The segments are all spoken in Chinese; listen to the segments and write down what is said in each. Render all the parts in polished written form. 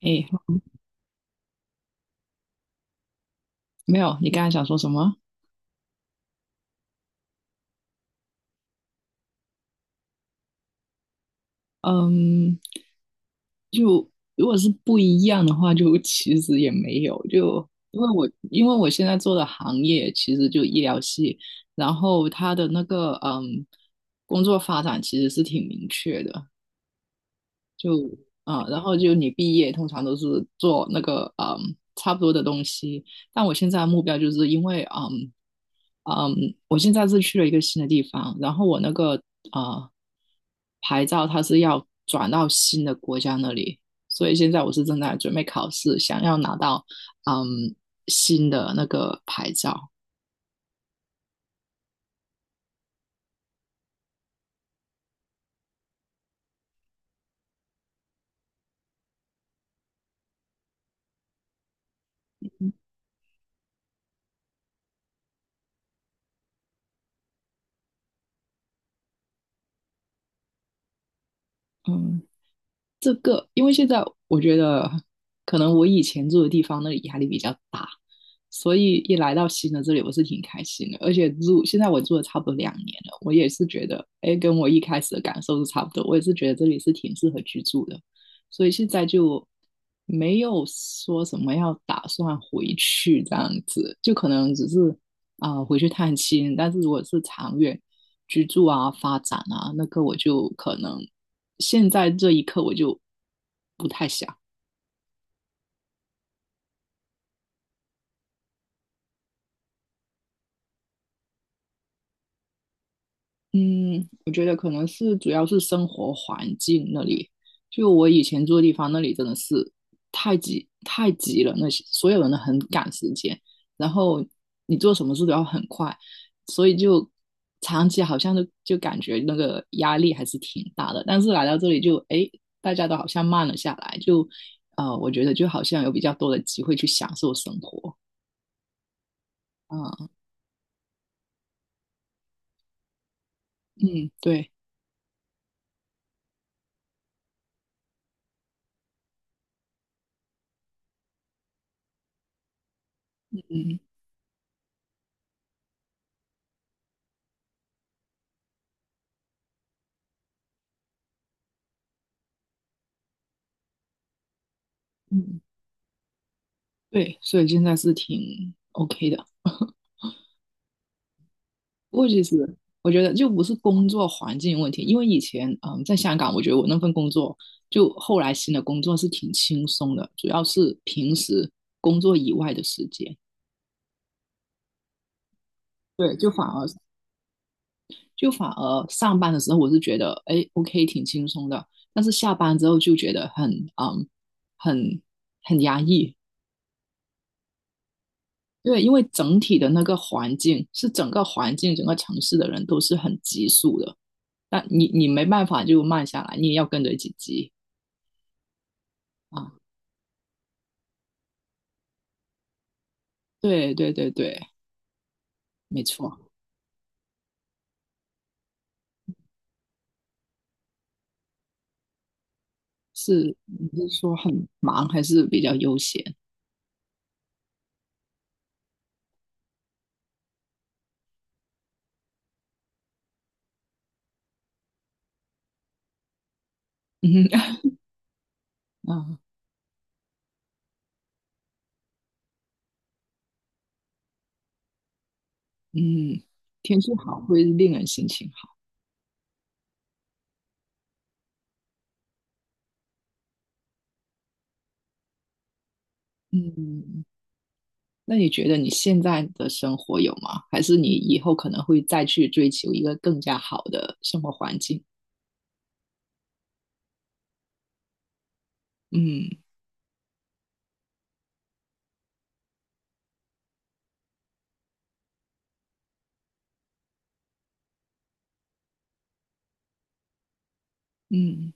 诶，没有，你刚才想说什么？嗯，就如果是不一样的话，就 其实也没有，就因为我现在做的行业其实就医疗系，然后他的那个工作发展其实是挺明确的，就然后就你毕业通常都是做那个差不多的东西，但我现在的目标就是因为我现在是去了一个新的地方，然后我那个呃牌照它是要转到新的国家那里，所以现在我是正在准备考试，想要拿到嗯新的那个牌照。嗯。这个，因为现在我觉得可能我以前住的地方那里压力比较大，所以一来到新的这里，我是挺开心的。而且现在我住了差不多2年了，我也是觉得，哎，跟我一开始的感受是差不多。我也是觉得这里是挺适合居住的，所以现在就没有说什么要打算回去这样子，就可能只是回去探亲。但是如果是长远，居住啊、发展啊，那个我就可能现在这一刻我就不太想。嗯，我觉得可能是主要是生活环境那里，就我以前住的地方那里真的是太挤太挤了，那些所有人都很赶时间，然后你做什么事都要很快，所以就长期好像就感觉那个压力还是挺大的。但是来到这里就大家都好像慢了下来，就我觉得就好像有比较多的机会去享受生活。啊，嗯，对，嗯嗯，对，所以现在是挺 OK 的。我也是，我觉得就不是工作环境问题，因为以前在香港，我觉得我那份工作就后来新的工作是挺轻松的，主要是平时工作以外的时间，对，就反而上班的时候我是觉得哎 OK 挺轻松的，但是下班之后就觉得很嗯很很压抑，对，因为整体的那个环境是整个环境整个城市的人都是很急速的，但你没办法就慢下来，你也要跟着一起急。啊，对对对对，没错，是你是说很忙还是比较悠闲？嗯啊嗯，天气好会令人心情好。嗯，那你觉得你现在的生活有吗？还是你以后可能会再去追求一个更加好的生活环境？嗯嗯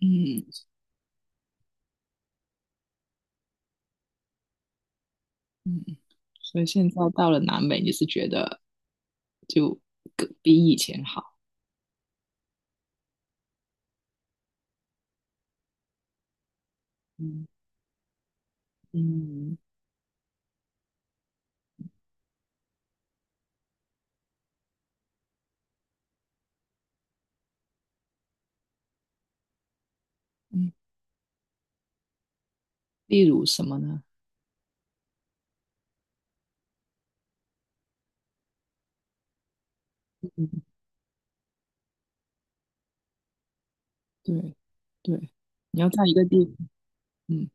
嗯嗯，所以现在到了南美，你是觉得就更比以前好？嗯嗯嗯，例如什么呢？嗯对对，你要在一个地，嗯，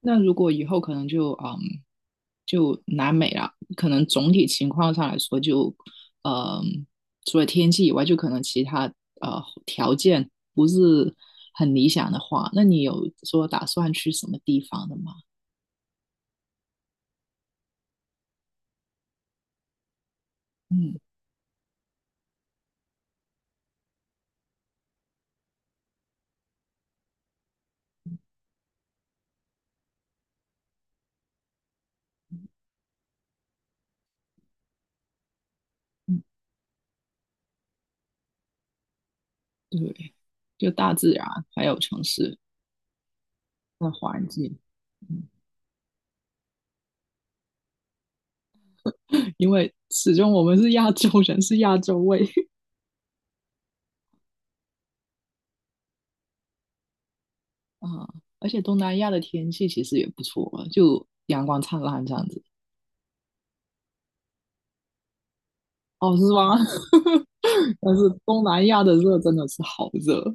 那如果以后可能就就南美了，可能总体情况上来说就，嗯，除了天气以外，就可能其他呃条件不是很理想的话，那你有说打算去什么地方的吗？嗯嗯，对，就大自然还有城市的环境，嗯因为始终我们是亚洲人，是亚洲胃。啊，而且东南亚的天气其实也不错啊，就阳光灿烂这样子。哦，是吗？但是东南亚的热真的是好热，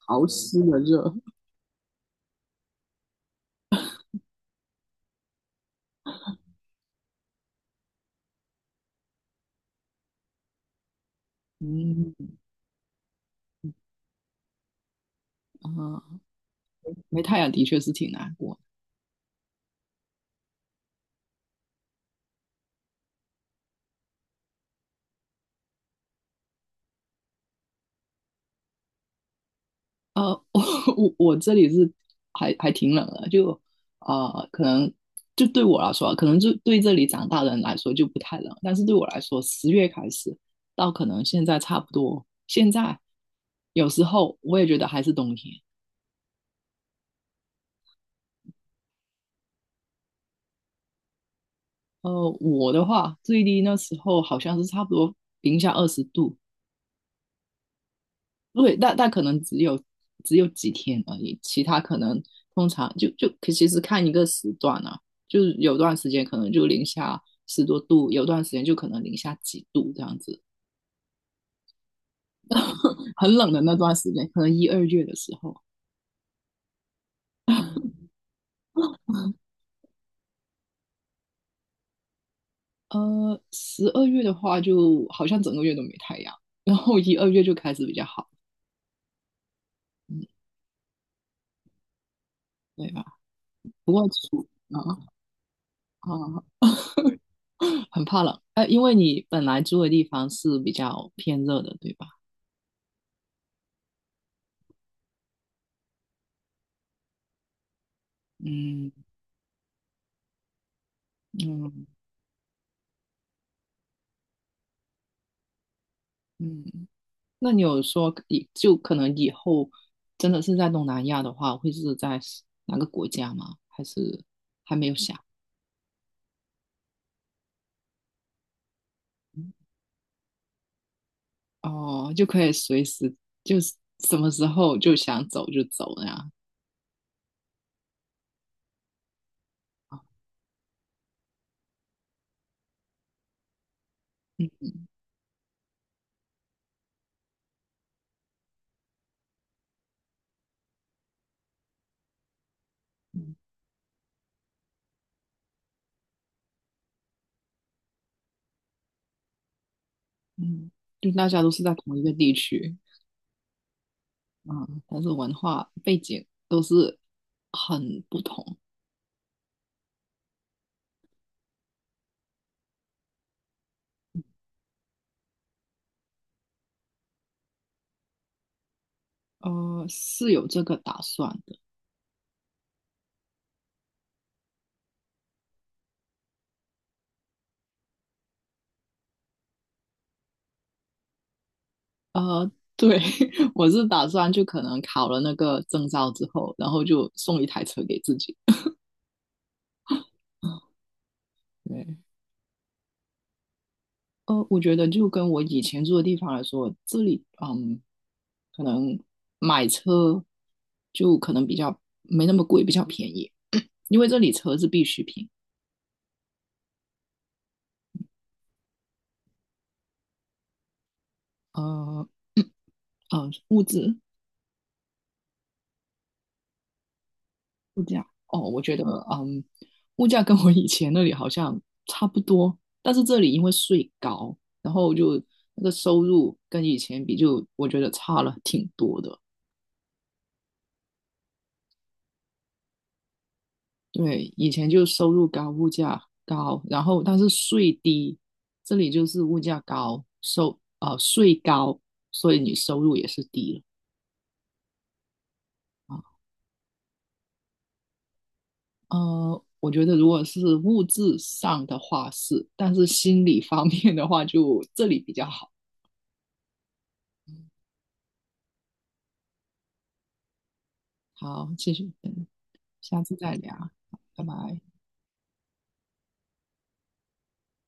潮湿的热。嗯啊，没太阳的确是挺难过。呃，我我这里是还挺冷的，就可能就对我来说啊，可能就对这里长大的人来说就不太冷，但是对我来说，10月开始到可能现在差不多，现在有时候我也觉得还是冬天。我的话最低那时候好像是差不多-20度，对，但可能只有几天而已，其他可能通常就其实看一个时段啊，就是有段时间可能就零下十多度，有段时间就可能零下几度这样子，很冷的那段时间，可能一二月的时候，12月的话就好像整个月都没太阳，然后一二月就开始比较好，嗯，对吧？不过暑啊啊。很怕冷，哎，因为你本来住的地方是比较偏热的，对吧？嗯嗯嗯，那你有说就可能以后真的是在东南亚的话，会是在哪个国家吗？还是还没有想？哦，就可以随时就是什么时候就想走就走那样。啊嗯嗯嗯，就大家都是在同一个地区，啊，但是文化背景都是很不同。是有这个打算的。呃，对，我是打算就可能考了那个证照之后，然后就送一台车给自己。对，我觉得就跟我以前住的地方来说，这里可能买车就可能比较没那么贵，比较便宜，因为这里车是必需品。呃呃，物资物价哦，我觉得嗯，物价跟我以前那里好像差不多，但是这里因为税高，然后就那个收入跟以前比就，我觉得差了挺多的。对，以前就收入高，物价高，然后但是税低，这里就是物价高，税高，所以你收入也是低了。啊我觉得如果是物质上的话是，但是心理方面的话就这里比较好。好，谢谢，下次再聊，拜拜。